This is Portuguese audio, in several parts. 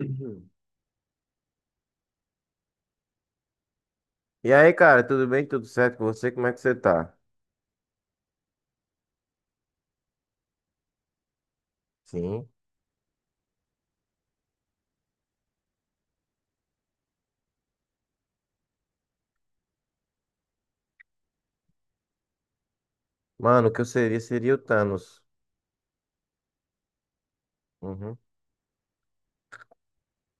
Uhum. E aí, cara, tudo bem? Tudo certo com você? Como é que você tá? Sim. Mano, o que eu seria seria o Thanos. Uhum.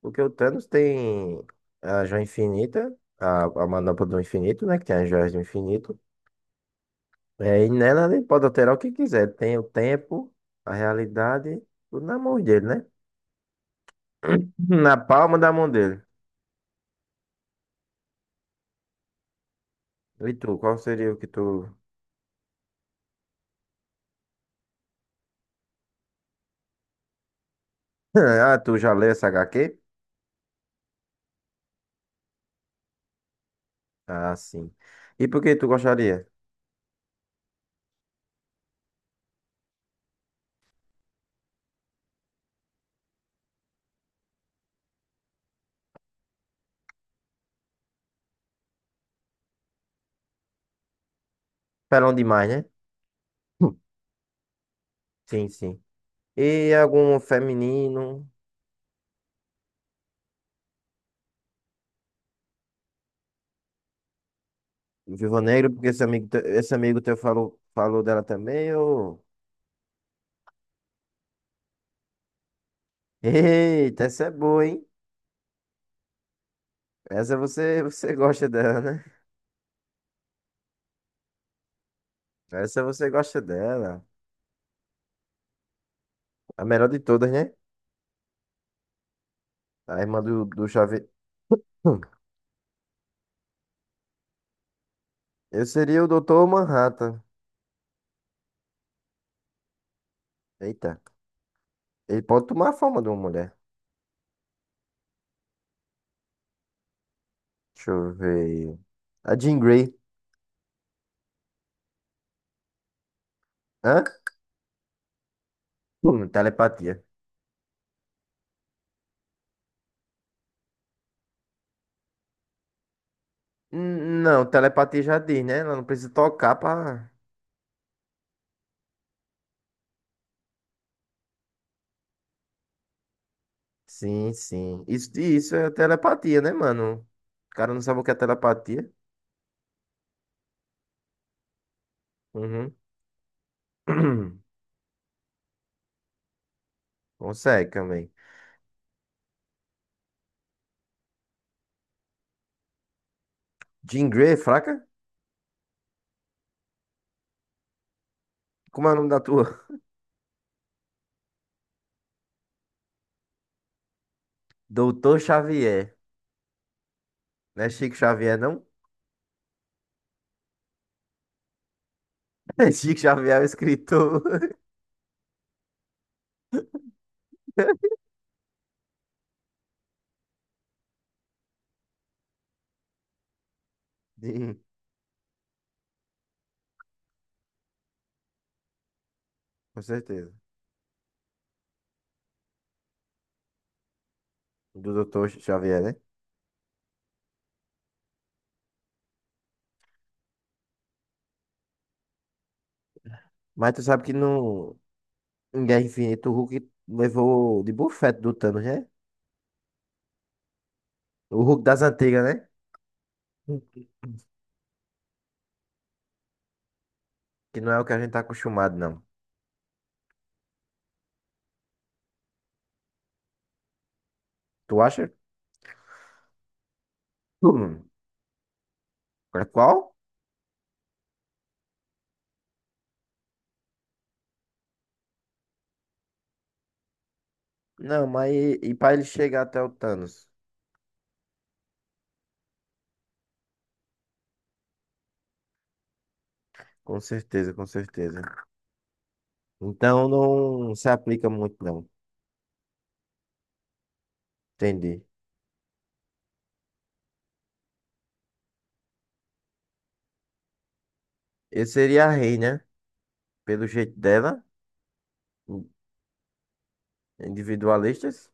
Porque o Thanos tem a joia infinita, a manopla do infinito, né? Que tem as joias do infinito. É, e nela ele pode alterar o que quiser. Tem o tempo, a realidade, tudo na mão dele, né? Na palma da mão dele. E tu, qual seria o que tu. Ah, tu já leu essa HQ? Ah, sim. E por que tu gostaria? Pelão demais, né? Sim, sim. E algum feminino, Viúva Negra, porque esse amigo, esse amigo teu falou, falou dela também, ô. Eita, essa é boa, hein? Essa você gosta dela, né? Essa você gosta dela. A melhor de todas, né? A irmã do Xavier. Hum. Eu seria o Doutor Manhattan. Eita. Ele pode tomar a forma de uma mulher. Deixa eu ver. A Jean Grey. Hã? Telepatia. Não, telepatia já diz, né? Ela não precisa tocar pra. Sim, sim. Isso é telepatia, né, mano? O cara não sabe o que é telepatia. Uhum. Consegue também. Jean Grey, fraca? Como é o nome da tua? Doutor Xavier. Não é Chico Xavier, não? É Chico Xavier, é o escritor. Sim, com certeza. Do Doutor Xavier, né? Mas tu sabe que no em Guerra Infinita o Hulk levou de bufete do Thanos, né? O Hulk das antigas, né? Que não é o que a gente tá acostumado, não. Tu acha? Hum. É, qual? Não, mas e para ele chegar até o Thanos? Com certeza, com certeza. Então não se aplica muito, não. Entendi. Eu seria a Rei, né? Pelo jeito dela, individualistas,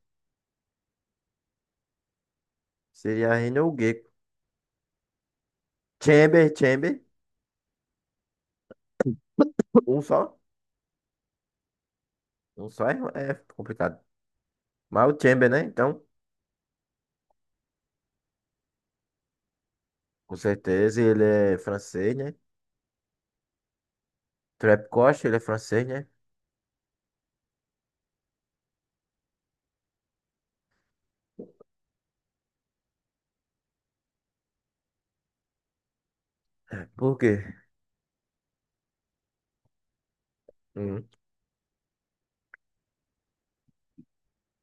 seria a Reina ou o Gecko. Chamber, Chamber, um só. Um só é complicado. Mas o Chamber, né? Então, com certeza ele é francês, né? Trapcoche, ele é francês, né? Por quê? Hum,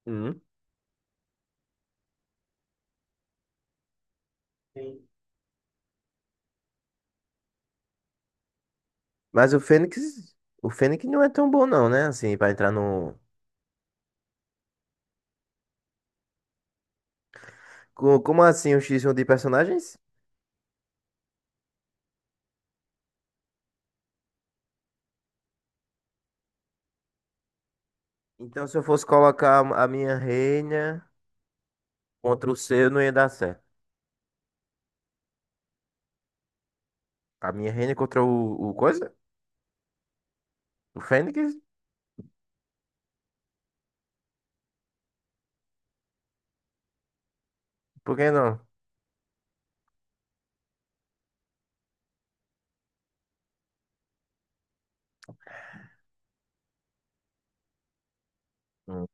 hum. Mas o Fênix não é tão bom, não, né? Assim, para entrar no. Como assim, um X1 de personagens? Então, se eu fosse colocar a minha reina contra o seu, não ia dar certo. A minha reina contra o coisa? O Fênix? Por que não? Hum,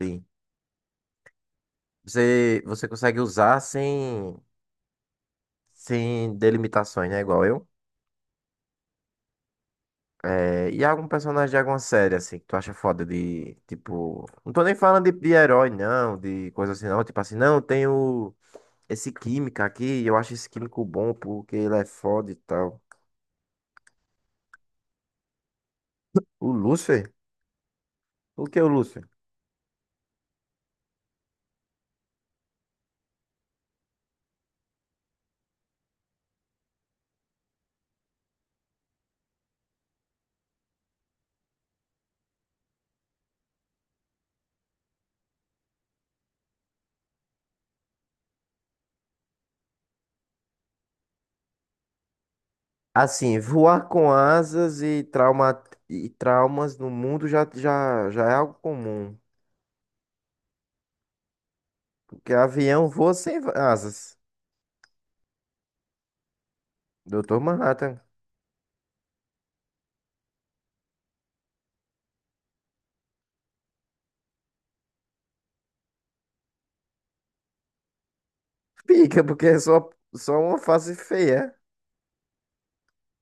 sim. Você consegue usar sem delimitações, né? Igual eu. É, e algum personagem de alguma série, assim, que tu acha foda de, tipo. Não tô nem falando de herói, não, de coisa assim, não. Tipo assim, não, tem esse químico aqui, eu acho esse químico bom porque ele é foda e tal. O Lúcifer? O que é o Lúcio? Assim, voar com asas e, trauma, e traumas no mundo já, já, já é algo comum. Porque avião voa sem asas. Doutor Manhattan. Pica porque é só uma face feia.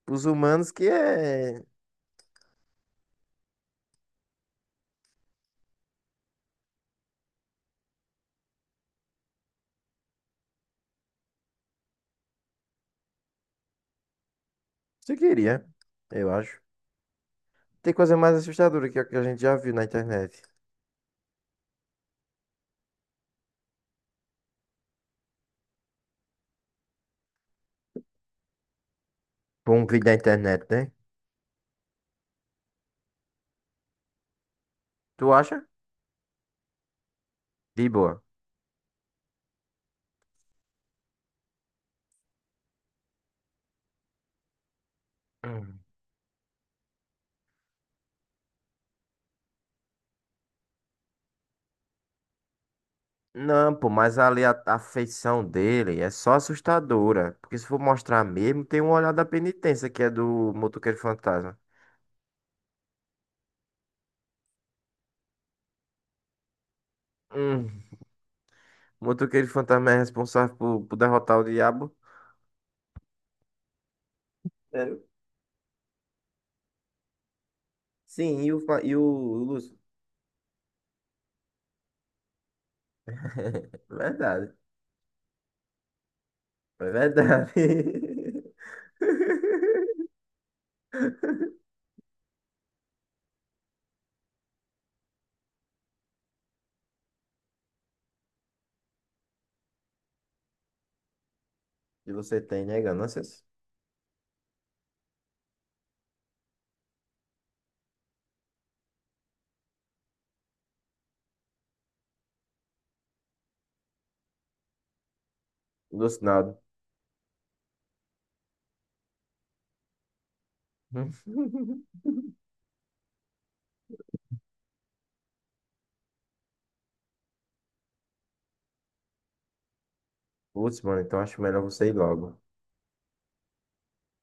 É? Os humanos que é. Se queria, eu acho. Tem coisa mais assustadora que a gente já viu na internet. Bom, um vídeo na internet, né? Tu acha? De boa. Não, pô, mas ali a feição dele é só assustadora. Porque se for mostrar mesmo, tem um olhar da penitência que é do Motoqueiro Fantasma. Hum, o Motoqueiro Fantasma é responsável por derrotar o diabo? Sério? Sim, e o Lúcio? Verdade, é verdade. E você tem, né, ganâncias? Lúcio, nada. Lúcio, mano, então acho melhor você ir logo.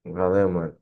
Valeu, mano.